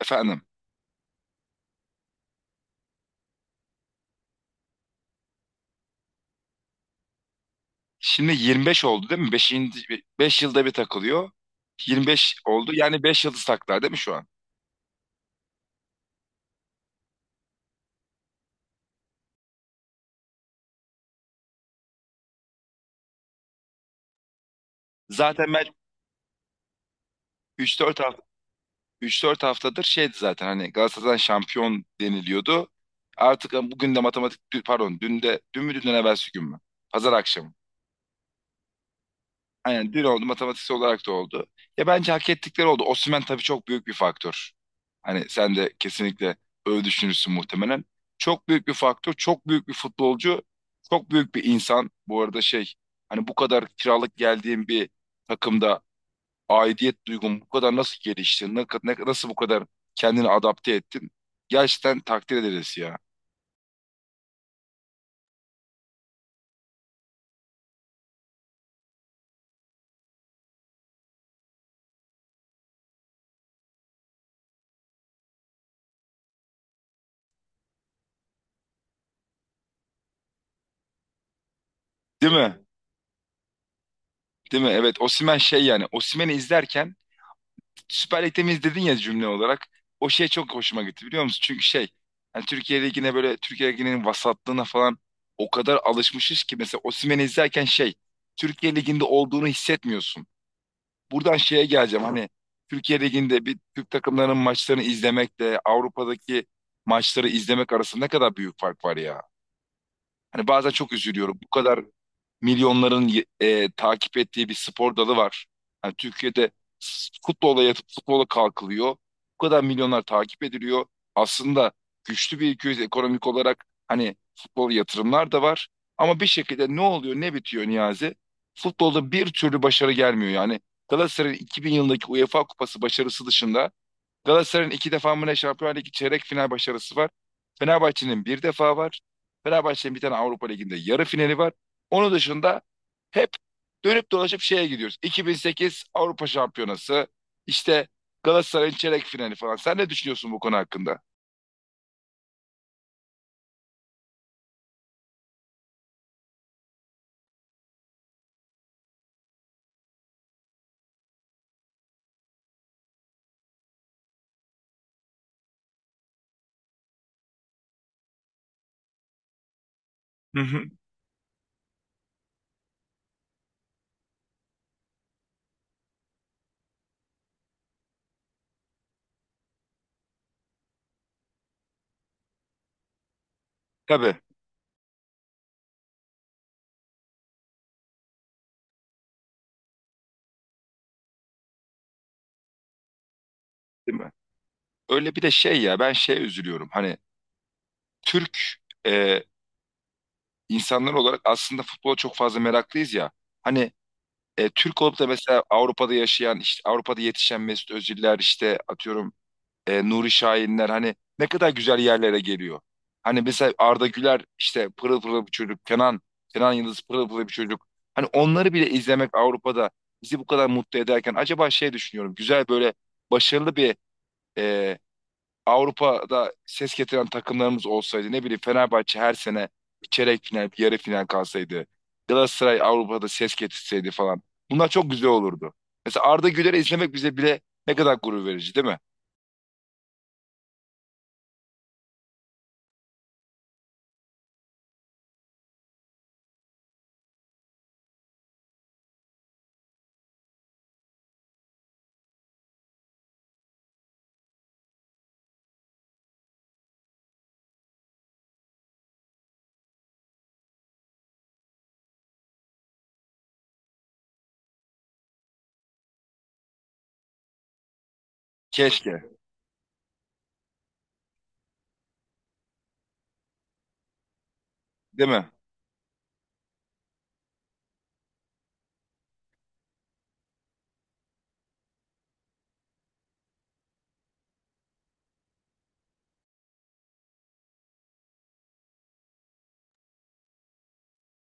Efendim. Şimdi 25 oldu değil mi? 5 yılda bir takılıyor. 25 oldu. Yani 5 yıldız taklar değil mi şu an? Zaten ben üç dört hafta üç dört haftadır şeydi zaten hani Galatasaray'dan şampiyon deniliyordu. Artık bugün de matematik pardon dün de dün mü dünden evvelsi gün mü? Pazar akşamı. Aynen dün oldu, matematiksel olarak da oldu. Ya bence hak ettikleri oldu. Osimhen tabii çok büyük bir faktör. Hani sen de kesinlikle öyle düşünürsün muhtemelen. Çok büyük bir faktör, çok büyük bir futbolcu, çok büyük bir insan. Bu arada şey, hani bu kadar kiralık geldiğim bir takımda aidiyet duygun bu kadar nasıl gelişti? Nasıl bu kadar kendini adapte ettin? Gerçekten takdir ederiz ya. Değil mi? Değil mi? Evet, Osimhen şey, yani Osimhen'i izlerken Süper Lig'de miyiz dedin ya, cümle olarak. O şey çok hoşuma gitti, biliyor musun? Çünkü şey, hani Türkiye Ligi'ne, böyle Türkiye Ligi'nin vasatlığına falan o kadar alışmışız ki mesela Osimhen'i izlerken şey, Türkiye Ligi'nde olduğunu hissetmiyorsun. Buradan şeye geleceğim, hani Türkiye Ligi'nde bir Türk takımlarının maçlarını izlemekle Avrupa'daki maçları izlemek arasında ne kadar büyük fark var ya. Hani bazen çok üzülüyorum. Bu kadar milyonların takip ettiği bir spor dalı var. Hani Türkiye'de futbola yatıp futbola kalkılıyor. Bu kadar milyonlar takip ediliyor. Aslında güçlü bir ülkeyiz ekonomik olarak. Hani futbol yatırımlar da var. Ama bir şekilde ne oluyor ne bitiyor Niyazi? Futbolda bir türlü başarı gelmiyor yani. Galatasaray'ın 2000 yılındaki UEFA Kupası başarısı dışında Galatasaray'ın iki defa mı ne Şampiyonlar Ligi çeyrek final başarısı var. Fenerbahçe'nin bir defa var. Fenerbahçe'nin bir tane Avrupa Ligi'nde yarı finali var. Onun dışında hep dönüp dolaşıp şeye gidiyoruz. 2008 Avrupa Şampiyonası, işte Galatasaray'ın çeyrek finali falan. Sen ne düşünüyorsun bu konu hakkında? Hı hı. Tabii, değil mi? Öyle bir de şey ya, ben şeye üzülüyorum. Hani Türk e, insanlar olarak aslında futbola çok fazla meraklıyız ya. Hani Türk olup da mesela Avrupa'da yaşayan, işte Avrupa'da yetişen Mesut Özil'ler, işte atıyorum Nuri Şahinler hani ne kadar güzel yerlere geliyor. Hani mesela Arda Güler işte pırıl pırıl bir çocuk, Kenan Yıldız pırıl pırıl bir çocuk. Hani onları bile izlemek Avrupa'da bizi bu kadar mutlu ederken acaba şey düşünüyorum, güzel böyle başarılı bir e, Avrupa'da ses getiren takımlarımız olsaydı, ne bileyim Fenerbahçe her sene bir çeyrek final, bir yarı final kalsaydı. Galatasaray Avrupa'da ses getirseydi falan. Bunlar çok güzel olurdu. Mesela Arda Güler'i izlemek bize bile ne kadar gurur verici değil mi? Keşke, değil mi?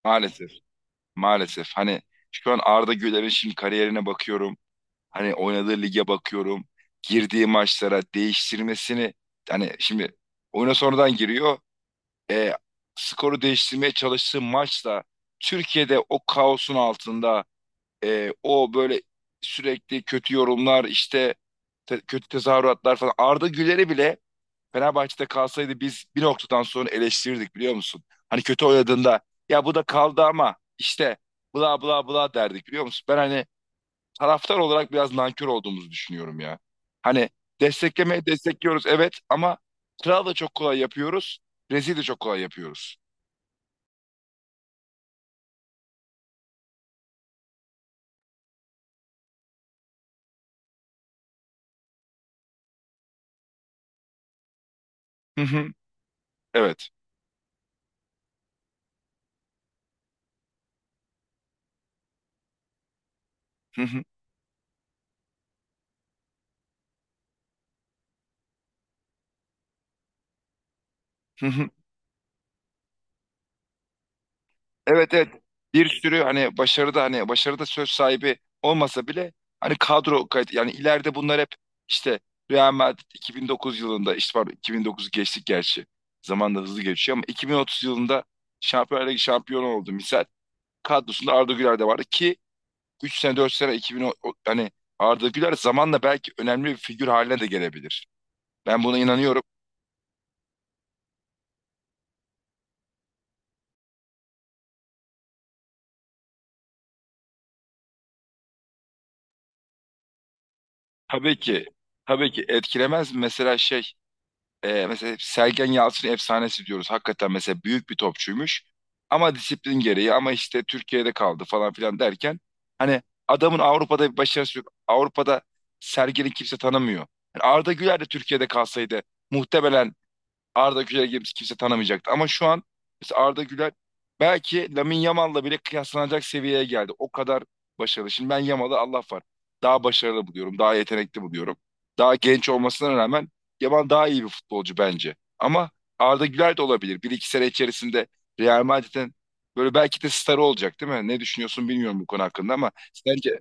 Maalesef. Maalesef. Hani şu an Arda Güler'in şimdi kariyerine bakıyorum. Hani oynadığı lige bakıyorum. Girdiği maçlara değiştirmesini, hani şimdi oyuna sonradan giriyor. e, Skoru değiştirmeye çalıştığı maçla Türkiye'de o kaosun altında o böyle sürekli kötü yorumlar, işte kötü tezahüratlar falan, Arda Güler'i bile Fenerbahçe'de kalsaydı biz bir noktadan sonra eleştirirdik, biliyor musun? Hani kötü oynadığında ya bu da kaldı ama işte bla bla bla derdik, biliyor musun? Ben hani taraftar olarak biraz nankör olduğumuzu düşünüyorum ya. Hani desteklemeye destekliyoruz, evet, ama kral da çok kolay yapıyoruz, rezil de çok kolay yapıyoruz. Hı hı. Evet. Hı hı. Hı hı. Evet, evet. Bir sürü hani başarıda söz sahibi olmasa bile hani kadro kayıt, yani ileride bunlar hep işte, Real Madrid 2009 yılında işte pardon, 2009 geçtik gerçi. Zaman da hızlı geçiyor, ama 2030 yılında Şampiyonlar Ligi şampiyonu oldu misal. Kadrosunda Arda Güler de vardı ki 3 sene 4 sene 2010 hani Arda Güler zamanla belki önemli bir figür haline de gelebilir. Ben buna inanıyorum. Tabii ki tabii ki etkilemez mi? Mesela şey. Mesela Sergen Yalçın efsanesi diyoruz. Hakikaten mesela büyük bir topçuymuş. Ama disiplin gereği, ama işte Türkiye'de kaldı falan filan derken hani adamın Avrupa'da bir başarısı yok. Avrupa'da Sergen'i kimse tanımıyor. Yani Arda Güler de Türkiye'de kalsaydı muhtemelen Arda Güler gibi kimse tanımayacaktı. Ama şu an mesela Arda Güler belki Lamine Yamal'la bile kıyaslanacak seviyeye geldi. O kadar başarılı. Şimdi ben Yamal'ı, Allah var, daha başarılı buluyorum. Daha yetenekli buluyorum. Daha genç olmasına rağmen Yamal daha iyi bir futbolcu bence. Ama Arda Güler de olabilir. Bir iki sene içerisinde Real Madrid'in böyle belki de starı olacak, değil mi? Ne düşünüyorsun bilmiyorum bu konu hakkında ama sence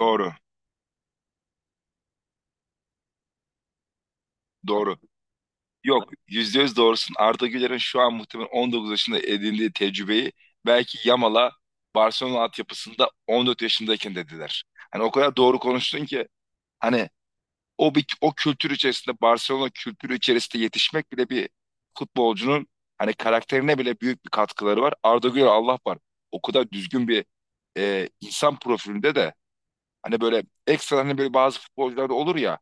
doğru. Doğru. Yok, %100 doğrusun. Arda Güler'in şu an muhtemelen 19 yaşında edindiği tecrübeyi belki Yamal'a Barcelona altyapısında 14 yaşındayken dediler. Hani o kadar doğru konuştun ki hani o bir, o kültür içerisinde, Barcelona kültürü içerisinde yetişmek bile bir futbolcunun hani karakterine bile büyük bir katkıları var. Arda Güler, Allah var, o kadar düzgün bir insan profilinde de, hani böyle ekstra, hani böyle bazı futbolcularda olur ya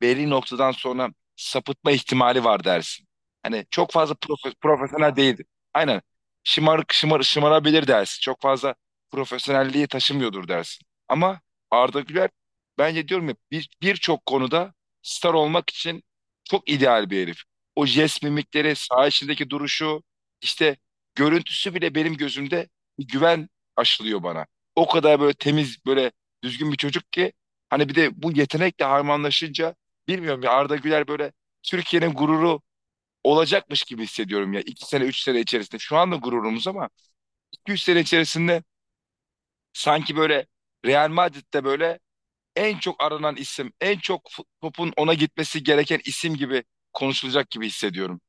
belli noktadan sonra sapıtma ihtimali var dersin. Hani çok fazla profesyonel değildi. Aynen. Şımarabilir dersin. Çok fazla profesyonelliği taşımıyordur dersin. Ama Arda Güler bence, diyorum ya, birçok konuda star olmak için çok ideal bir herif. O jest mimikleri, saha içindeki duruşu, işte görüntüsü bile benim gözümde bir güven aşılıyor bana. O kadar böyle temiz, böyle düzgün bir çocuk ki hani bir de bu yetenekle harmanlaşınca, bilmiyorum ya, Arda Güler böyle Türkiye'nin gururu olacakmış gibi hissediyorum ya. İki sene, üç sene içerisinde. Şu anda gururumuz, ama iki, üç sene içerisinde sanki böyle Real Madrid'de böyle en çok aranan isim, en çok topun ona gitmesi gereken isim gibi konuşulacak gibi hissediyorum.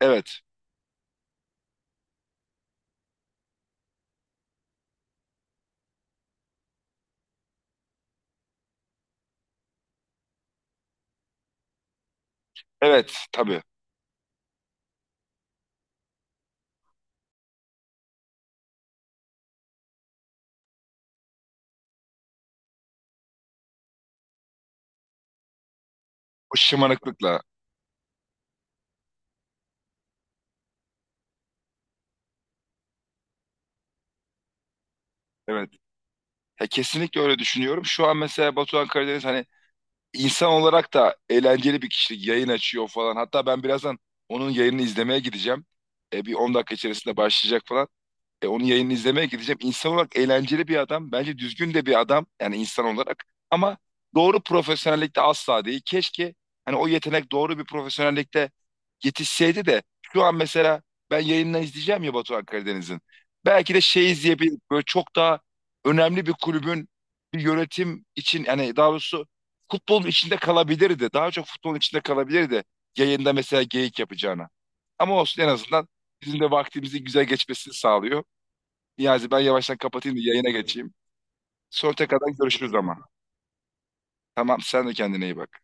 Evet, evet, tabii. O şımarıklıkla. Evet. Ya kesinlikle öyle düşünüyorum. Şu an mesela Batuhan Karadeniz, hani insan olarak da eğlenceli bir kişilik, yayın açıyor falan. Hatta ben birazdan onun yayınını izlemeye gideceğim. E, bir 10 dakika içerisinde başlayacak falan. E, onun yayınını izlemeye gideceğim. İnsan olarak eğlenceli bir adam. Bence düzgün de bir adam, yani insan olarak. Ama doğru profesyonellikte asla değil. Keşke hani o yetenek doğru bir profesyonellikte yetişseydi de şu an mesela, ben yayından izleyeceğim ya Batuhan Karadeniz'in, belki de şey izleyebilir, böyle çok daha önemli bir kulübün bir yönetim için, yani daha doğrusu, futbolun içinde kalabilirdi. Daha çok futbolun içinde kalabilirdi. Yayında mesela geyik yapacağına. Ama olsun, en azından bizim de vaktimizi güzel geçmesini sağlıyor. Niyazi, ben yavaştan kapatayım da yayına geçeyim. Sonra tekrardan görüşürüz ama. Tamam, sen de kendine iyi bak.